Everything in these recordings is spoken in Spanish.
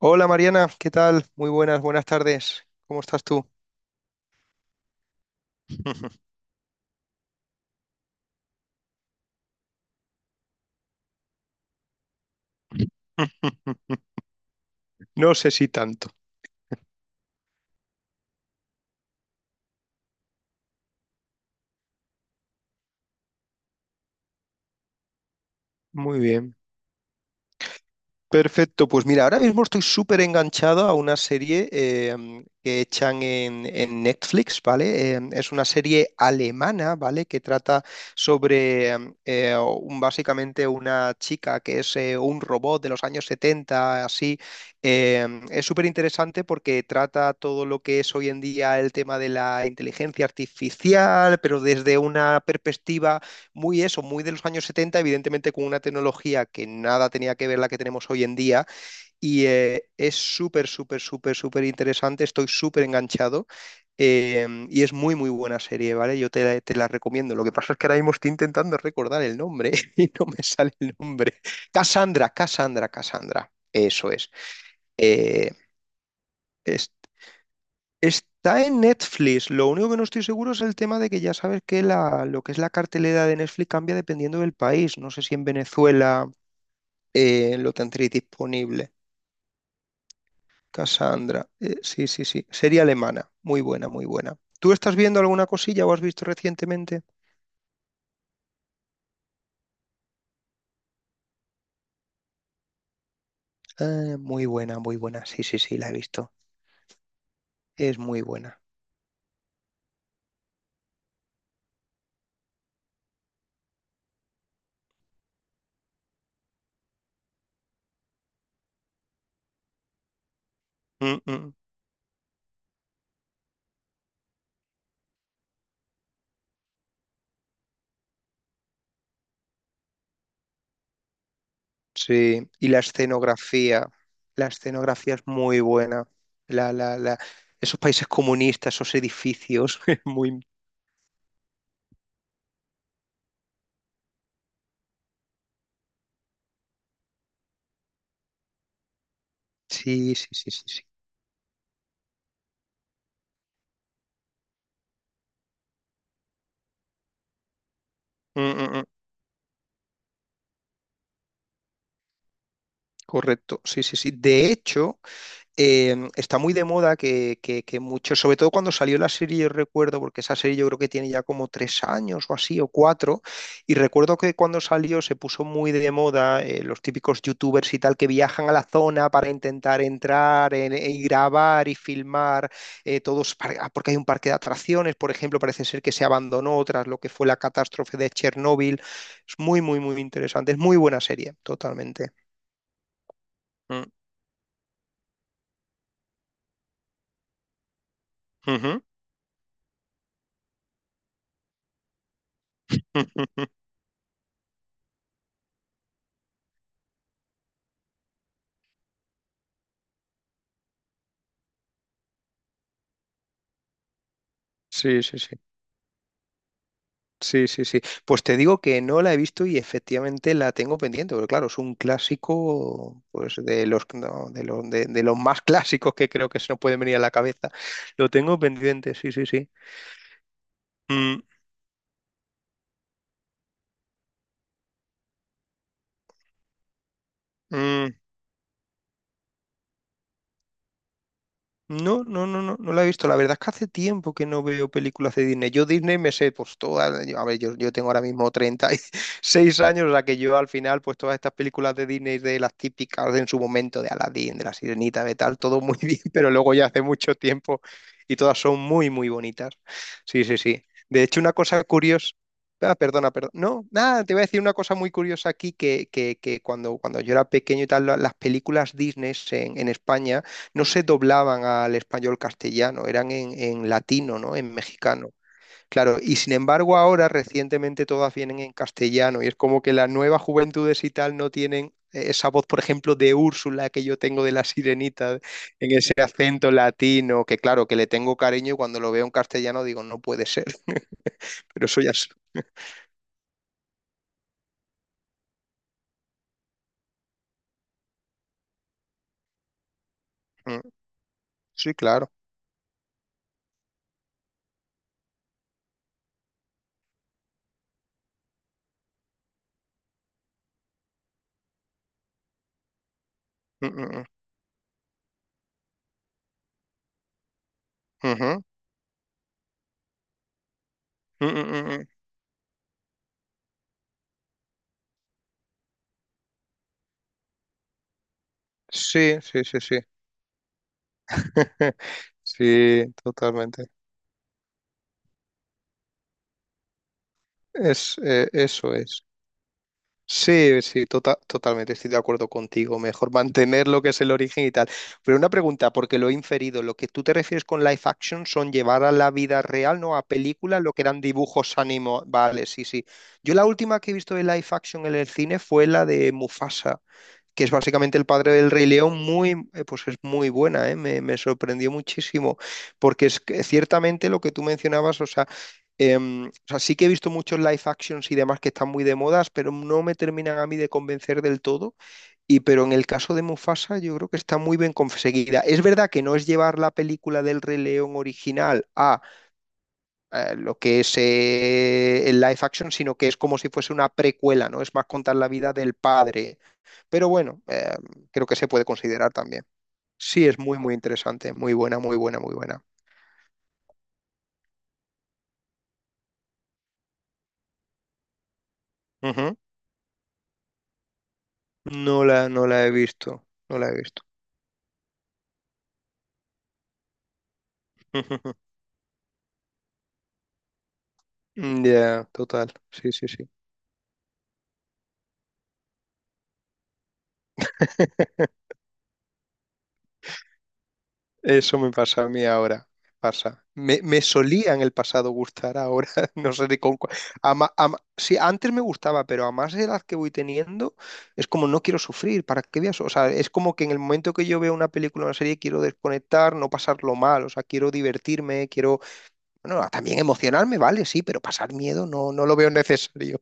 Hola Mariana, ¿qué tal? Muy buenas, buenas tardes. ¿Cómo estás tú? No sé si tanto. Muy bien. Perfecto, pues mira, ahora mismo estoy súper enganchado a una serie que echan en Netflix, ¿vale? Es una serie alemana, ¿vale? Que trata sobre básicamente una chica que es un robot de los años 70, así. Es súper interesante porque trata todo lo que es hoy en día el tema de la inteligencia artificial, pero desde una perspectiva muy eso, muy de los años 70, evidentemente, con una tecnología que nada tenía que ver la que tenemos hoy en día. Y es súper, súper, súper, súper interesante. Estoy súper enganchado. Y es muy, muy buena serie, ¿vale? Yo te la recomiendo. Lo que pasa es que ahora mismo estoy intentando recordar el nombre y no me sale el nombre. Cassandra, Cassandra, Cassandra. Eso es. Eh, es Está en Netflix. Lo único que no estoy seguro es el tema de que ya sabes que lo que es la cartelera de Netflix cambia dependiendo del país. No sé si en Venezuela lo tendréis disponible. Cassandra. Sí, sí, sí. Serie alemana. Muy buena, muy buena. ¿Tú estás viendo alguna cosilla o has visto recientemente? Muy buena, muy buena. Sí, sí, sí, la he visto. Es muy buena. Mm, mm. Sí, y la escenografía es muy buena. La, la, la, esos países comunistas, esos edificios, es muy... Sí, sí, sí, sí, sí. Mm, mm, mm, correcto, sí, sí, sí. De hecho, está muy de moda que, mucho, sobre todo cuando salió la serie, yo recuerdo, porque esa serie yo creo que tiene ya como 3 años o así, o 4, y recuerdo que cuando salió se puso muy de moda los típicos youtubers y tal que viajan a la zona para intentar entrar y grabar y filmar porque hay un parque de atracciones, por ejemplo, parece ser que se abandonó tras lo que fue la catástrofe de Chernóbil. Es muy, muy, muy interesante, es muy buena serie, totalmente. Mm. Ujú. Sí, sí, sí. Sí, sí, sí. Pues te digo que no la he visto y efectivamente la tengo pendiente, porque claro, es un clásico, pues de los, no, de los más clásicos que creo que se nos pueden venir a la cabeza. Lo tengo pendiente, sí, sí, sí. Mm, mm. No, no, no, no, no la he visto. La verdad es que hace tiempo que no veo películas de Disney. Yo Disney me sé, pues todas, a ver, yo tengo ahora mismo 36 años, o sea que yo al final, pues todas estas películas de Disney, de las típicas de en su momento, de Aladdin, de La Sirenita, de tal, todo muy bien, pero luego ya hace mucho tiempo y todas son muy, muy bonitas. Sí, sí, sí. De hecho, una cosa curiosa... Ah, perdona, perdona. No, nada, te voy a decir una cosa muy curiosa aquí, que, cuando, yo era pequeño y tal, las películas Disney en España no se doblaban al español castellano, eran en latino, ¿no? En mexicano. Claro, y sin embargo ahora recientemente todas vienen en castellano y es como que las nuevas juventudes y tal no tienen esa voz, por ejemplo, de Úrsula que yo tengo de la sirenita, en ese acento latino, que claro, que le tengo cariño y cuando lo veo en castellano digo, no puede ser, pero eso ya es... Mm, sí, claro. Mm, mm, mm. Ujú. Mm, mm, mm, mm. Sí, sí, sí, sí. Sí, totalmente. Eso es. Sí, sí, totalmente estoy de acuerdo contigo. Mejor mantener lo que es el origen y tal. Pero una pregunta, porque lo he inferido, lo que tú te refieres con live action son llevar a la vida real, ¿no? A película, lo que eran dibujos animados. Vale, sí, sí. Yo la última que he visto de live action en el cine fue la de Mufasa, que es básicamente el padre del Rey León, pues es muy buena, ¿eh? Me sorprendió muchísimo, porque es que ciertamente lo que tú mencionabas, o sea, sí que he visto muchos live actions y demás que están muy de modas, pero no me terminan a mí de convencer del todo. Pero en el caso de Mufasa, yo creo que está muy bien conseguida. Es verdad que no es llevar la película del Rey León original a lo que es el live action, sino que es como si fuese una precuela, ¿no? Es más contar la vida del padre, pero bueno, creo que se puede considerar también. Sí, es muy, muy interesante. Muy buena, muy buena, muy buena. Ujú. No la he visto. No la he visto. Ya, total. Sí, sí, sí. Eso me pasa a mí ahora. Pasa. Me solía en el pasado gustar, ahora no sé ni con cuál. Sí, antes me gustaba, pero a más edad que voy teniendo, es como no quiero sufrir, ¿para qué voy a su- O sea, es como que en el momento que yo veo una película o una serie quiero desconectar, no pasarlo mal, o sea, quiero divertirme, quiero, bueno, también emocionarme, vale, sí, pero pasar miedo no, no lo veo necesario.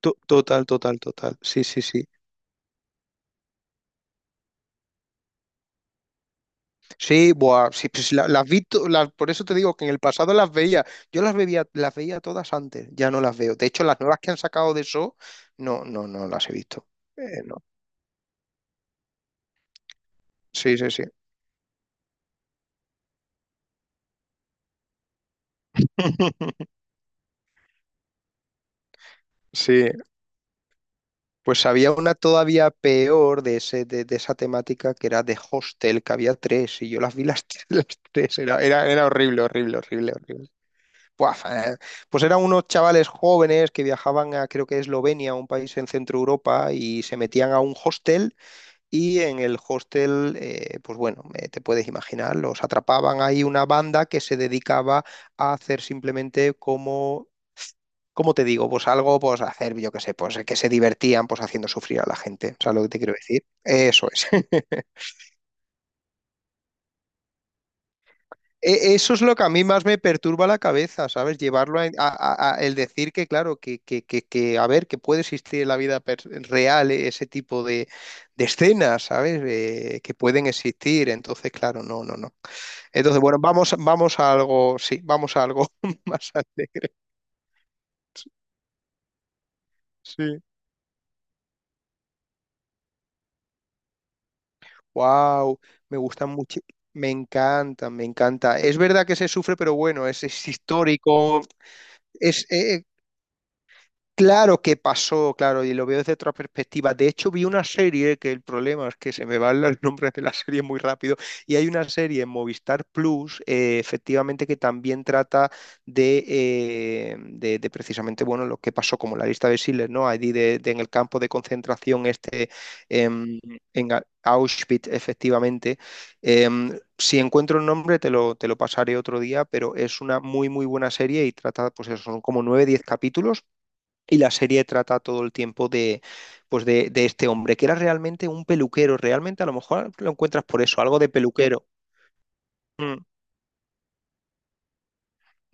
Total, total, total. Sí, sí, sí. Sí, buah, sí, pues las vi, por eso te digo que en el pasado las veía. Yo las veía todas antes, ya no las veo. De hecho, las nuevas que han sacado de eso, no, no, no las he visto. No. Sí, sí, sí. Sí, pues había una todavía peor de ese, de esa temática, que era de Hostel, que había tres, y yo las vi las, las tres, era horrible, horrible, horrible, horrible. Buah, pues eran unos chavales jóvenes que viajaban a, creo que, Eslovenia, un país en Centro Europa, y se metían a un hostel. Y en el hostel, pues bueno, te puedes imaginar, los atrapaban ahí una banda que se dedicaba a hacer simplemente como, ¿cómo te digo? Pues algo, pues hacer, yo qué sé, pues que se divertían, pues haciendo sufrir a la gente. ¿Sabes lo que te quiero decir? Eso es. Eso es lo que a mí más me perturba la cabeza, ¿sabes? Llevarlo a, el decir que, claro, a ver, que puede existir en la vida real, ese tipo de escenas, ¿sabes? Que pueden existir. Entonces, claro, no, no, no. Entonces, bueno, vamos a algo, sí, vamos a algo más alegre. Sí. Wow, me gustan mucho. Me encanta, me encanta. Es verdad que se sufre, pero bueno, es histórico, es, eh, Claro que pasó, claro, y lo veo desde otra perspectiva. De hecho, vi una serie que el problema es que se me van los nombres de la serie muy rápido. Y hay una serie en Movistar Plus, efectivamente, que también trata de, precisamente, bueno, lo que pasó como la lista de Schindler, ¿no? Allí de, en el campo de concentración este, em, en Auschwitz, efectivamente. Em, si encuentro el nombre, te lo pasaré otro día, pero es una muy, muy buena serie y trata, pues eso, son como 9, 10 capítulos, y la serie trata todo el tiempo de, pues de, este hombre, que era realmente un peluquero. Realmente, a lo mejor lo encuentras por eso, algo de peluquero. Mm.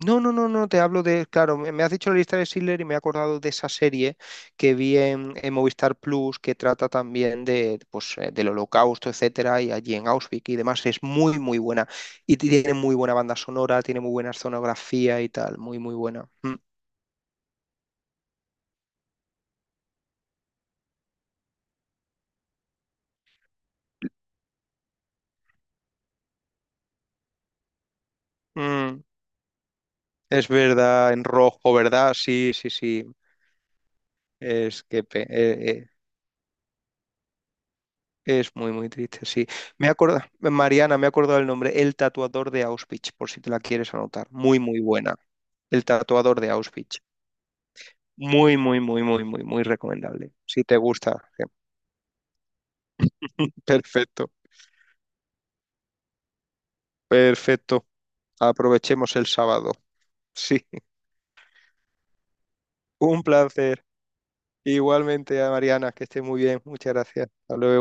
No, no, no, no, te hablo de, claro, me has dicho la lista de Schindler y me he acordado de esa serie que vi en, Movistar Plus, que trata también de, pues, del holocausto, etcétera, y allí en Auschwitz y demás. Es muy, muy buena. Y tiene muy buena banda sonora, tiene muy buena escenografía y tal, muy, muy buena. Mm. Mm. Es verdad, en rojo, ¿verdad? Sí, sí, sí. Es que es muy, muy triste, sí. Mariana, me he acordado el nombre, El tatuador de Auschwitz, por si te la quieres anotar. Muy, muy buena. El tatuador de Auschwitz. Muy, muy, muy, muy, muy, muy recomendable. Si te gusta. Perfecto, perfecto. Aprovechemos el sábado. Sí, un placer. Igualmente a Mariana, que esté muy bien. Muchas gracias. Hasta luego.